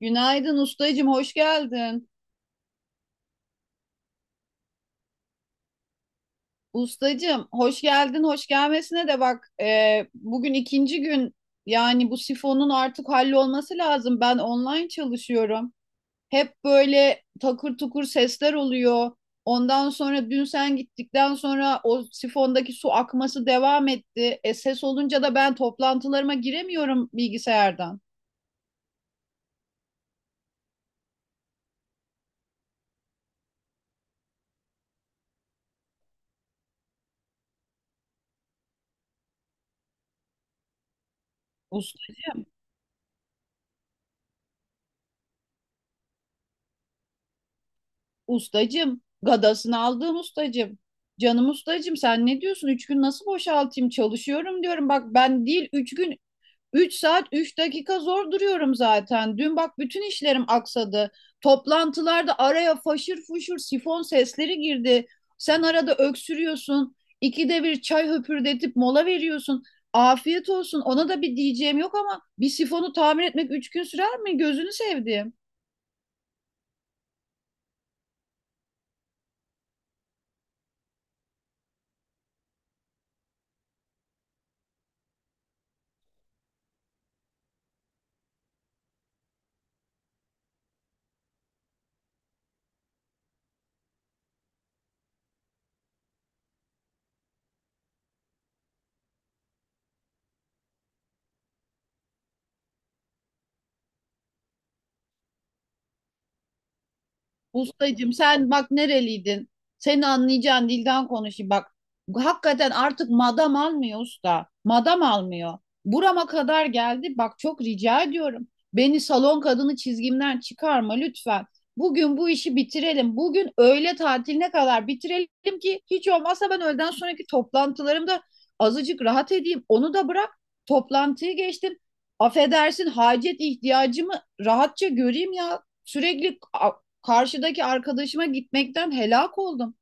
Günaydın ustacım, hoş geldin. Ustacım, hoş geldin, hoş gelmesine de bak. Bugün ikinci gün yani bu sifonun artık hallolması lazım. Ben online çalışıyorum. Hep böyle takır tukur sesler oluyor. Ondan sonra dün sen gittikten sonra o sifondaki su akması devam etti. Ses olunca da ben toplantılarıma giremiyorum bilgisayardan. Ustacım, gadasını aldığım ustacım. Canım ustacım sen ne diyorsun? Üç gün nasıl boşaltayım? Çalışıyorum diyorum. Bak ben değil 3 gün, 3 saat, 3 dakika zor duruyorum zaten. Dün bak bütün işlerim aksadı. Toplantılarda araya faşır fuşur sifon sesleri girdi. Sen arada öksürüyorsun. İkide bir çay höpürdetip mola veriyorsun. Afiyet olsun. Ona da bir diyeceğim yok ama bir sifonu tamir etmek 3 gün sürer mi? Gözünü sevdiğim. Ustacığım sen bak nereliydin? Seni anlayacağın dilden konuşayım bak. Hakikaten artık madam almıyor usta. Madam almıyor. Burama kadar geldi. Bak çok rica ediyorum. Beni salon kadını çizgimden çıkarma lütfen. Bugün bu işi bitirelim. Bugün öğle tatiline kadar bitirelim ki hiç olmazsa ben öğleden sonraki toplantılarımda azıcık rahat edeyim. Onu da bırak. Toplantıyı geçtim. Affedersin hacet ihtiyacımı rahatça göreyim ya. Sürekli karşıdaki arkadaşıma gitmekten helak oldum.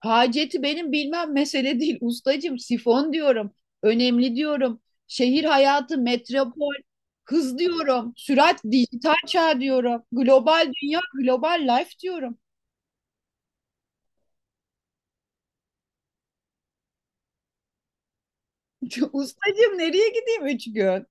Haceti benim bilmem mesele değil. Ustacığım sifon diyorum. Önemli diyorum. Şehir hayatı, metropol, hız diyorum. Sürat, dijital çağ diyorum. Global dünya, global life diyorum. Ustacığım nereye gideyim 3 gün?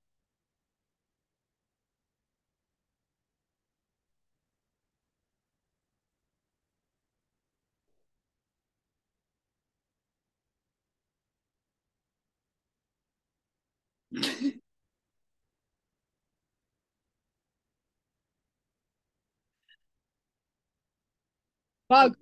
Bak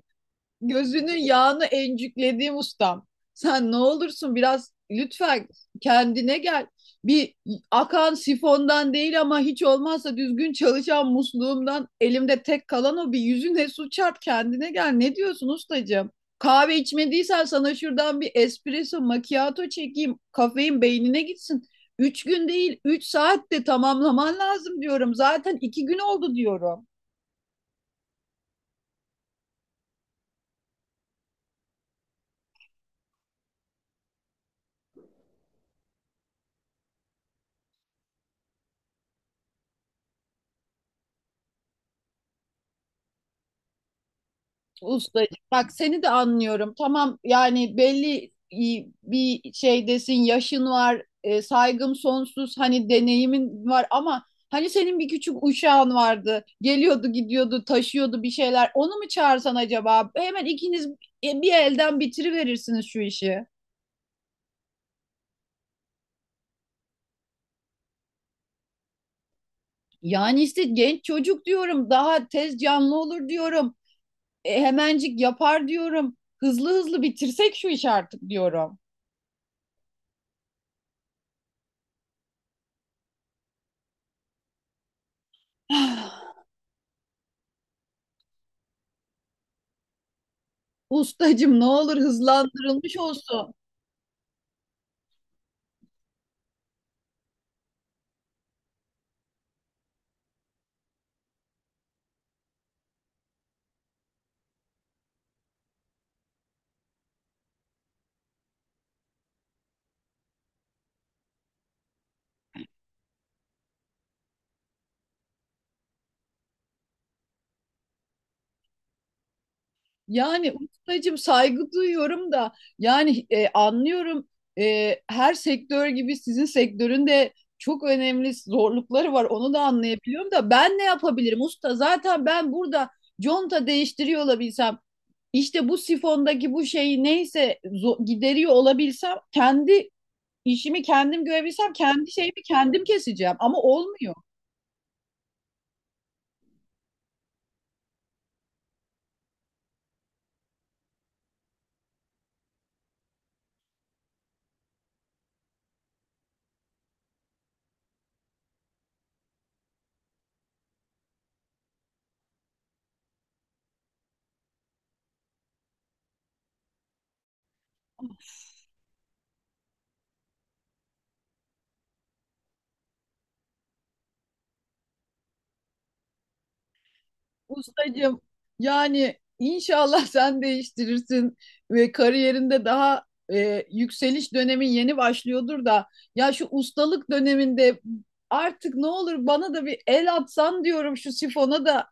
gözünün yağını encüklediğim ustam. Sen ne olursun biraz lütfen kendine gel. Bir akan sifondan değil ama hiç olmazsa düzgün çalışan musluğumdan elimde tek kalan o bir yüzüne su çarp kendine gel. Ne diyorsun ustacığım? Kahve içmediysen sana şuradan bir espresso macchiato çekeyim. Kafein beynine gitsin. 3 gün değil, 3 saatte tamamlaman lazım diyorum. Zaten 2 gün oldu diyorum. Ustacığım bak seni de anlıyorum. Tamam yani belli bir şeydesin, yaşın var, saygım sonsuz, hani deneyimin var ama hani senin bir küçük uşağın vardı. Geliyordu, gidiyordu, taşıyordu bir şeyler. Onu mu çağırsan acaba? Hemen ikiniz bir elden bitiriverirsiniz şu işi. Yani işte genç çocuk diyorum, daha tez canlı olur diyorum. Hemencik yapar diyorum. Hızlı hızlı bitirsek şu işi artık diyorum. Ustacım ne olur hızlandırılmış olsun. Yani ustacım saygı duyuyorum da yani anlıyorum, her sektör gibi sizin sektörün de çok önemli zorlukları var. Onu da anlayabiliyorum da ben ne yapabilirim usta? Zaten ben burada conta değiştiriyor olabilsem işte bu sifondaki bu şeyi neyse gideriyor olabilsem kendi İşimi kendim görebilsem kendi şeyimi kendim keseceğim ama olmuyor. Ustacığım yani inşallah sen değiştirirsin ve kariyerinde daha yükseliş dönemin yeni başlıyordur da ya şu ustalık döneminde artık ne olur bana da bir el atsan diyorum şu sifona da.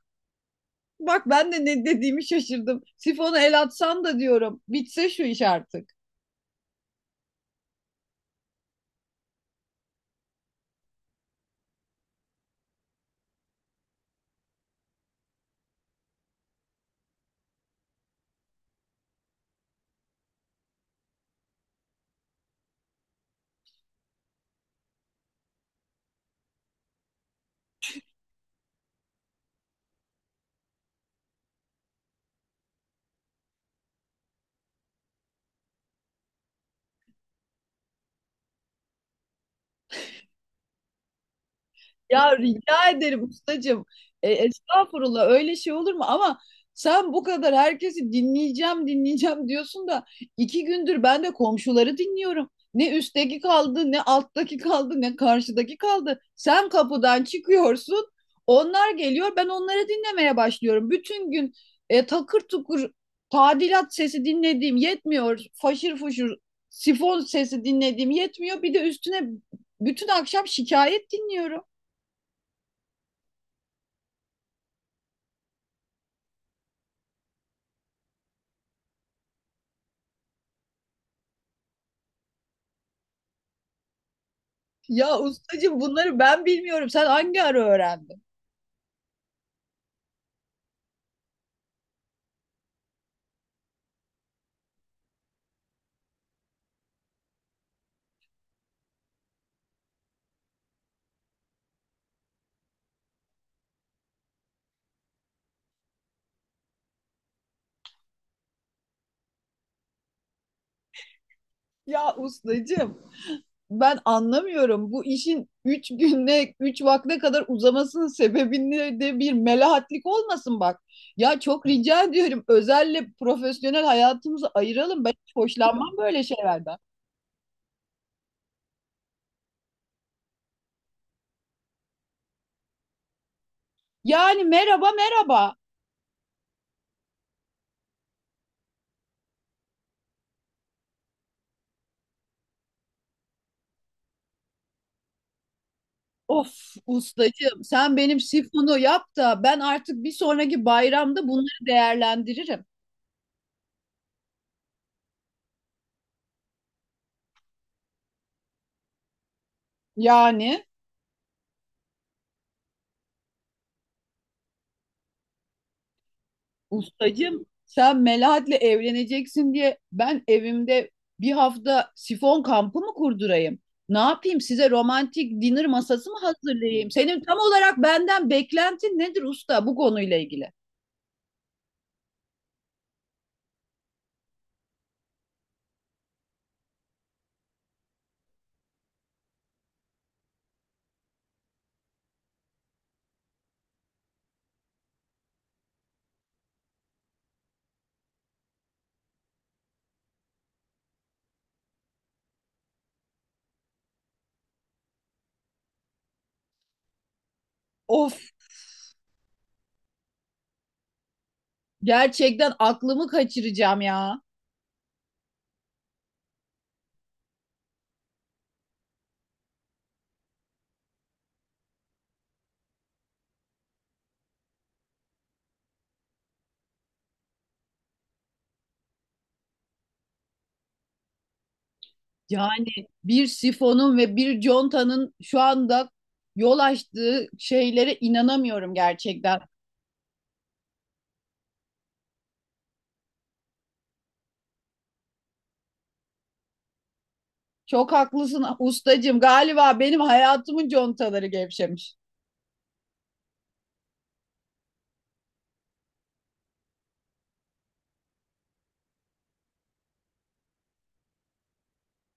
Bak ben de ne dediğimi şaşırdım. Sifona el atsan da diyorum. Bitse şu iş artık. Ya rica ederim ustacığım. E, estağfurullah öyle şey olur mu? Ama sen bu kadar herkesi dinleyeceğim dinleyeceğim diyorsun da iki gündür ben de komşuları dinliyorum. Ne üstteki kaldı, ne alttaki kaldı, ne karşıdaki kaldı. Sen kapıdan çıkıyorsun, onlar geliyor, ben onları dinlemeye başlıyorum. Bütün gün takır tukur tadilat sesi dinlediğim yetmiyor, faşır fuşur sifon sesi dinlediğim yetmiyor. Bir de üstüne bütün akşam şikayet dinliyorum. Ya ustacığım bunları ben bilmiyorum. Sen hangi ara öğrendin? Ya ustacığım ben anlamıyorum. Bu işin üç günde, üç vakte kadar uzamasının sebebinde de bir melahatlik olmasın bak. Ya çok rica ediyorum özelle profesyonel hayatımızı ayıralım. Ben hiç hoşlanmam böyle şeylerden. Yani merhaba merhaba. Of ustacığım sen benim sifonu yap da ben artık bir sonraki bayramda bunları değerlendiririm. Yani ustacım sen Melahat'le evleneceksin diye ben evimde bir hafta sifon kampı mı kurdurayım? Ne yapayım size romantik dinner masası mı hazırlayayım? Senin tam olarak benden beklentin nedir usta bu konuyla ilgili? Of, gerçekten aklımı kaçıracağım ya. Yani bir sifonun ve bir contanın şu anda yol açtığı şeylere inanamıyorum gerçekten. Çok haklısın ustacığım. Galiba benim hayatımın contaları gevşemiş.